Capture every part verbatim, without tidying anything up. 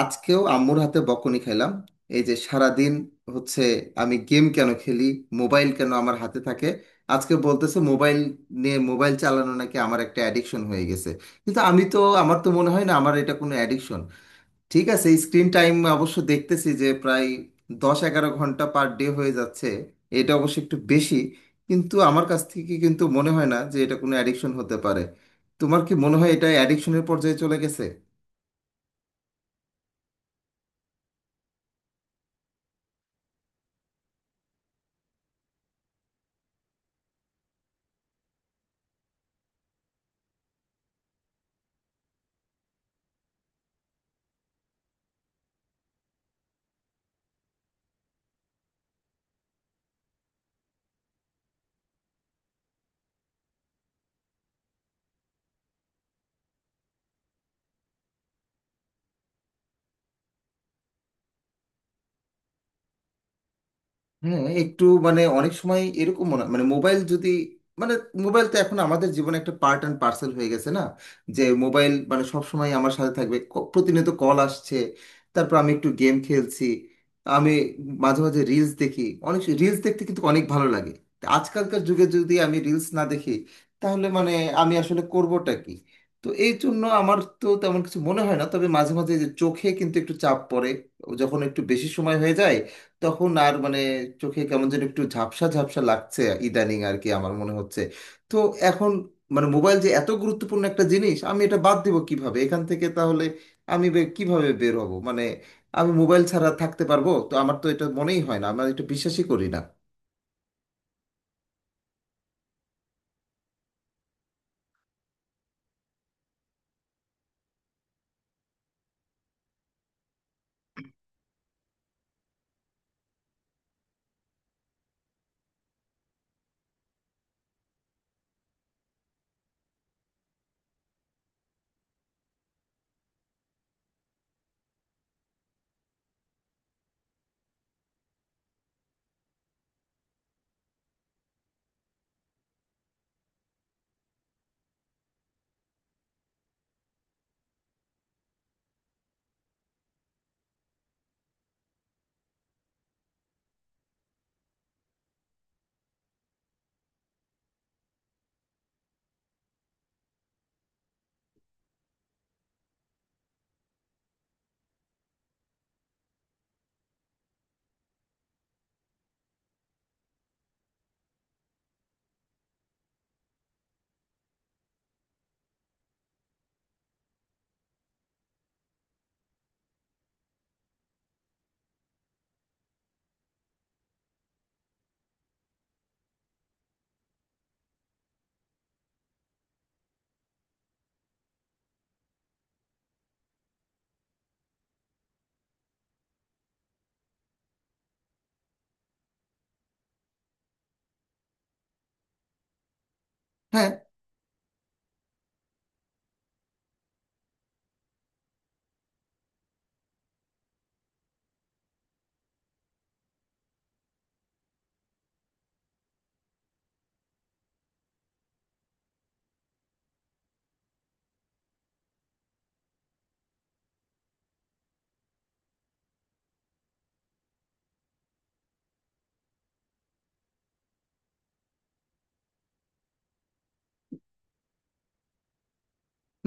আজকেও আম্মুর হাতে বকুনি খেলাম। এই যে সারাদিন হচ্ছে আমি গেম কেন খেলি, মোবাইল কেন আমার হাতে থাকে। আজকে বলতেছে মোবাইল নিয়ে, মোবাইল চালানো নাকি আমার একটা অ্যাডিকশন হয়ে গেছে। কিন্তু আমি তো আমার তো মনে হয় না আমার এটা কোনো অ্যাডিকশন। ঠিক আছে, স্ক্রিন টাইম অবশ্য দেখতেছি যে প্রায় দশ এগারো ঘন্টা পার ডে হয়ে যাচ্ছে। এটা অবশ্য একটু বেশি, কিন্তু আমার কাছ থেকে কিন্তু মনে হয় না যে এটা কোনো অ্যাডিকশন হতে পারে। তোমার কি মনে হয় এটা অ্যাডিকশনের পর্যায়ে চলে গেছে? হ্যাঁ একটু, মানে অনেক সময় এরকম মনে, মানে মোবাইল যদি, মানে মোবাইল তো এখন আমাদের জীবনে একটা পার্ট অ্যান্ড পার্সেল হয়ে গেছে না, যে মোবাইল মানে সব সময় আমার সাথে থাকবে, ক- প্রতিনিয়ত কল আসছে, তারপর আমি একটু গেম খেলছি, আমি মাঝে মাঝে রিলস দেখি। অনেক রিলস দেখতে কিন্তু অনেক ভালো লাগে। তা আজকালকার যুগে যদি আমি রিলস না দেখি তাহলে মানে আমি আসলে করবোটা কি? তো এই জন্য আমার তো তেমন কিছু মনে হয় না, তবে মাঝে মাঝে যে চোখে কিন্তু একটু চাপ পড়ে যখন একটু বেশি সময় হয়ে যায়, তখন আর মানে চোখে কেমন যেন একটু ঝাপসা ঝাপসা লাগছে ইদানিং আর কি আমার মনে হচ্ছে। তো এখন মানে মোবাইল যে এত গুরুত্বপূর্ণ একটা জিনিস, আমি এটা বাদ দেবো কিভাবে এখান থেকে তাহলে? আমি বে- কিভাবে বের হব মানে? আমি মোবাইল ছাড়া থাকতে পারবো তো আমার তো এটা মনেই হয় না, আমি এটা বিশ্বাসই করি না। হ্যাঁ,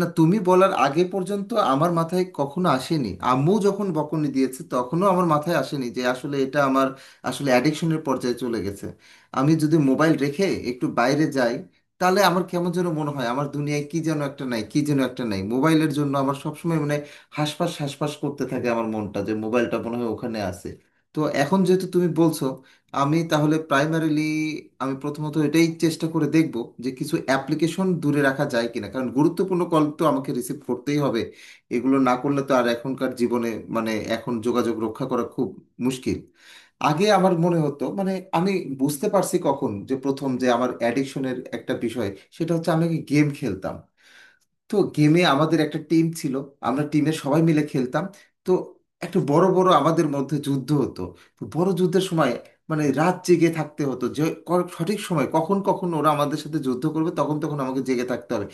না তুমি বলার আগে পর্যন্ত আমার মাথায় কখনো আসেনি, আম্মু যখন বকুনি দিয়েছে তখনও আমার মাথায় আসেনি যে আসলে এটা আমার আসলে অ্যাডিকশনের পর্যায়ে চলে গেছে। আমি যদি মোবাইল রেখে একটু বাইরে যাই, তাহলে আমার কেমন যেন মনে হয় আমার দুনিয়ায় কি যেন একটা নাই, কি যেন একটা নাই, মোবাইলের জন্য আমার সবসময় মানে হাঁসফাঁস হাঁসফাঁস করতে থাকে আমার মনটা, যে মোবাইলটা মনে হয় ওখানে আছে। তো এখন যেহেতু তুমি বলছো, আমি তাহলে প্রাইমারিলি, আমি প্রথমত এটাই চেষ্টা করে দেখব যে কিছু অ্যাপ্লিকেশন দূরে রাখা যায় কিনা, কারণ গুরুত্বপূর্ণ কল তো আমাকে রিসিভ করতেই হবে, এগুলো না করলে তো আর এখনকার জীবনে, মানে এখন যোগাযোগ রক্ষা করা খুব মুশকিল। আগে আমার মনে হতো মানে আমি বুঝতে পারছি কখন যে প্রথম যে আমার অ্যাডিকশনের একটা বিষয়, সেটা হচ্ছে আমি গেম খেলতাম। তো গেমে আমাদের একটা টিম ছিল, আমরা টিমে সবাই মিলে খেলতাম। তো একটা বড় বড় আমাদের মধ্যে যুদ্ধ হতো। তো বড় যুদ্ধের সময় মানে রাত জেগে থাকতে হতো যে ক- সঠিক সময় কখন কখন ওরা আমাদের সাথে যুদ্ধ করবে, তখন তখন আমাকে জেগে থাকতে হবে।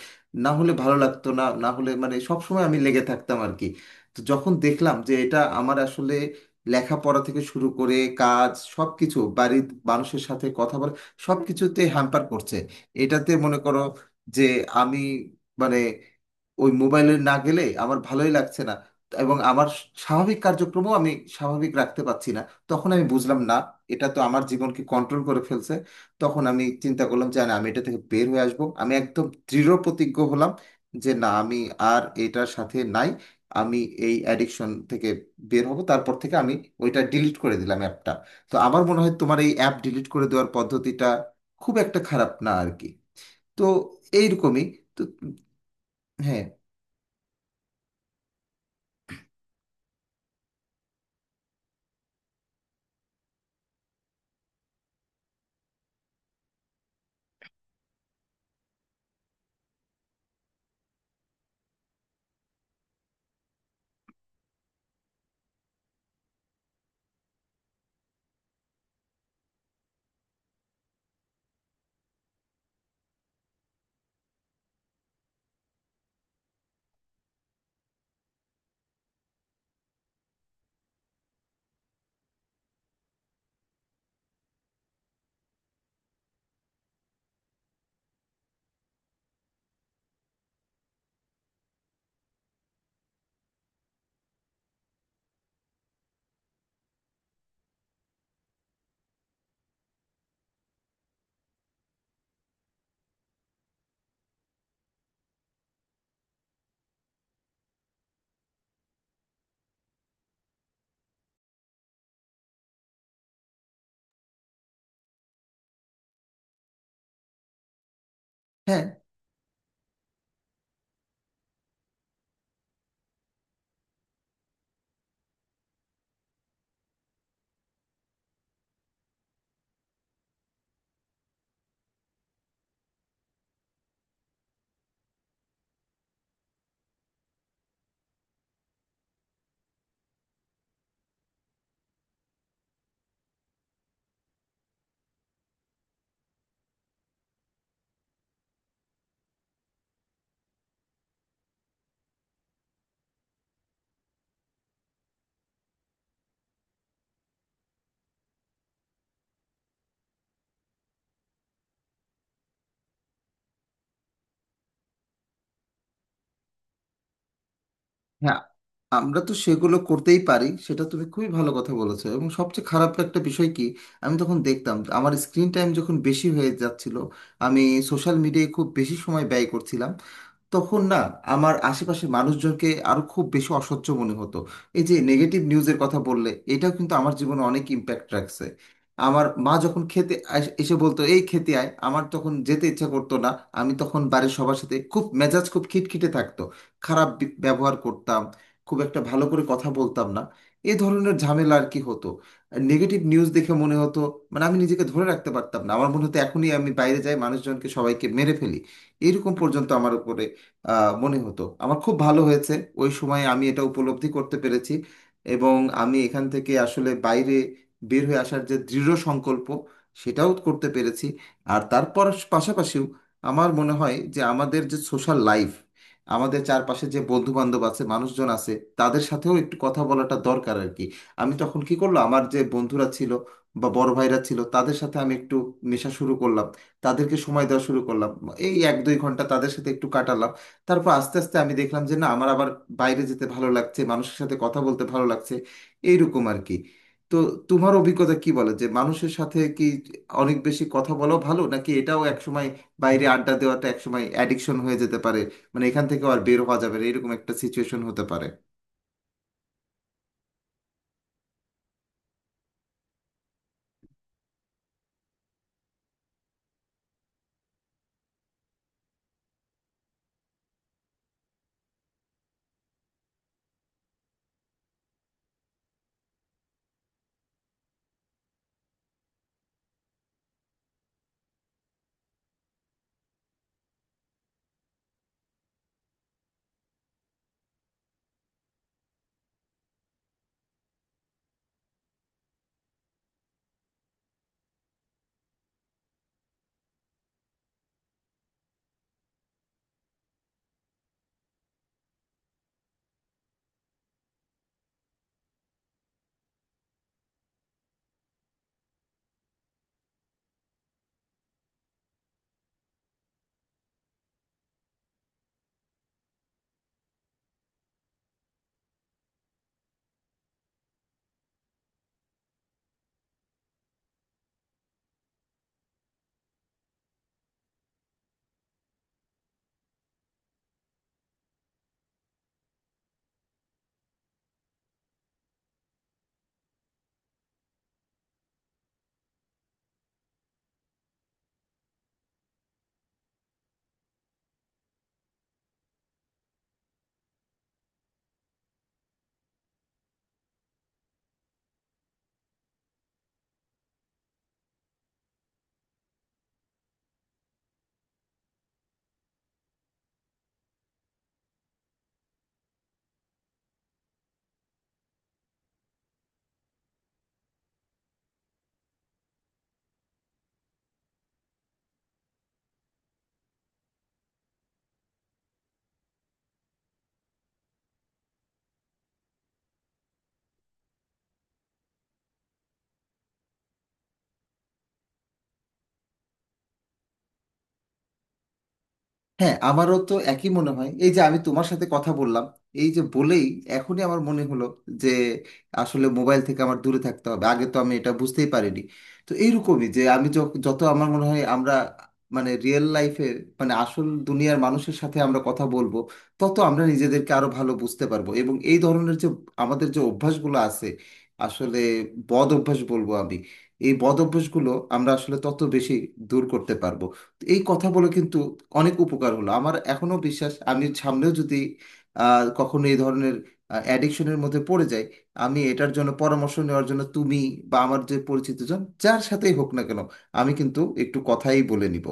না হলে ভালো লাগতো না, না হলে মানে সব সময় আমি লেগে থাকতাম আর কি। তো যখন দেখলাম যে এটা আমার আসলে লেখাপড়া থেকে শুরু করে কাজ সব কিছু, বাড়ির মানুষের সাথে কথা বলা, সব কিছুতে হ্যাম্পার করছে, এটাতে মনে করো যে আমি মানে ওই মোবাইলে না গেলে আমার ভালোই লাগছে না, এবং আমার স্বাভাবিক কার্যক্রমও আমি স্বাভাবিক রাখতে পারছি না, তখন আমি বুঝলাম না এটা তো আমার জীবনকে কন্ট্রোল করে ফেলছে। তখন আমি চিন্তা করলাম যে না, আমি এটা থেকে বের হয়ে আসব, আমি একদম দৃঢ় প্রতিজ্ঞ হলাম যে না আমি আর এটার সাথে নাই, আমি এই অ্যাডিকশন থেকে বের হব। তারপর থেকে আমি ওইটা ডিলিট করে দিলাম, অ্যাপটা। তো আমার মনে হয় তোমার এই অ্যাপ ডিলিট করে দেওয়ার পদ্ধতিটা খুব একটা খারাপ না আর কি। তো এইরকমই। তো হ্যাঁ, হ্যাঁ, হ্যাঁ, আমরা তো সেগুলো করতেই পারি, সেটা তুমি খুবই ভালো কথা বলেছো। এবং সবচেয়ে খারাপ একটা বিষয় কি, আমি তখন দেখতাম যে আমার স্ক্রিন টাইম যখন বেশি হয়ে যাচ্ছিল, আমি সোশ্যাল মিডিয়ায় খুব বেশি সময় ব্যয় করছিলাম, তখন না আমার আশেপাশের মানুষজনকে আরো খুব বেশি অসহ্য মনে হতো। এই যে নেগেটিভ নিউজের কথা বললে, এটাও কিন্তু আমার জীবনে অনেক ইম্প্যাক্ট রাখছে। আমার মা যখন খেতে আস- এসে বলতো এই খেতে আয়, আমার তখন যেতে ইচ্ছা করতো না। আমি তখন বাড়ির সবার সাথে খুব মেজাজ খুব খিটখিটে থাকতো, খারাপ বি- ব্যবহার করতাম, খুব একটা ভালো করে কথা বলতাম না, এই ধরনের ঝামেলা আর কি হতো। নেগেটিভ নিউজ দেখে মনে হতো মানে আমি নিজেকে ধরে রাখতে পারতাম না, আমার মনে হতো এখনই আমি বাইরে যাই মানুষজনকে সবাইকে মেরে ফেলি, এইরকম পর্যন্ত আমার উপরে আহ, মনে হতো। আমার খুব ভালো হয়েছে ওই সময় আমি এটা উপলব্ধি করতে পেরেছি, এবং আমি এখান থেকে আসলে বাইরে বের হয়ে আসার যে দৃঢ় সংকল্প সেটাও করতে পেরেছি। আর তারপর পাশাপাশিও আমার মনে হয় যে আমাদের যে সোশ্যাল লাইফ, আমাদের চারপাশে যে বন্ধু বান্ধব আছে মানুষজন আছে, তাদের সাথেও একটু কথা বলাটা দরকার আর কি। আমি তখন কি করলো, আমার যে বন্ধুরা ছিল বা বড় ভাইরা ছিল তাদের সাথে আমি একটু মেশা শুরু করলাম, তাদেরকে সময় দেওয়া শুরু করলাম, এই এক দুই ঘন্টা তাদের সাথে একটু কাটালাম। তারপর আস্তে আস্তে আমি দেখলাম যে না আমার আবার বাইরে যেতে ভালো লাগছে, মানুষের সাথে কথা বলতে ভালো লাগছে, এইরকম আর কি। তো তোমার অভিজ্ঞতা কি বলে যে মানুষের সাথে কি অনেক বেশি কথা বলা ভালো, নাকি এটাও একসময়, বাইরে আড্ডা দেওয়াটা একসময় অ্যাডিকশন হয়ে যেতে পারে, মানে এখান থেকে আর বের হওয়া যাবে না এরকম একটা সিচুয়েশন হতে পারে? হ্যাঁ, আমারও তো একই মনে হয়। এই যে আমি তোমার সাথে কথা বললাম, এই যে বলেই এখনই আমার মনে হলো যে আসলে মোবাইল থেকে আমার দূরে থাকতে হবে, আগে তো আমি এটা বুঝতেই পারিনি। তো এইরকমই যে আমি য- যত আমার মনে হয় আমরা মানে রিয়েল লাইফে, মানে আসল দুনিয়ার মানুষের সাথে আমরা কথা বলবো, তত আমরা নিজেদেরকে আরো ভালো বুঝতে পারবো, এবং এই ধরনের যে আমাদের যে অভ্যাসগুলো আছে, আসলে বদ অভ্যাস বলবো আমি, এই বদ অভ্যাসগুলো আমরা আসলে তত বেশি দূর করতে পারবো। এই কথা বলে কিন্তু অনেক উপকার হলো আমার। এখনো বিশ্বাস আমি সামনেও যদি আহ, কখনো এই ধরনের অ্যাডিকশনের মধ্যে পড়ে যাই, আমি এটার জন্য পরামর্শ নেওয়ার জন্য তুমি বা আমার যে পরিচিতজন যার সাথেই হোক না কেন, আমি কিন্তু একটু কথাই বলে নিব।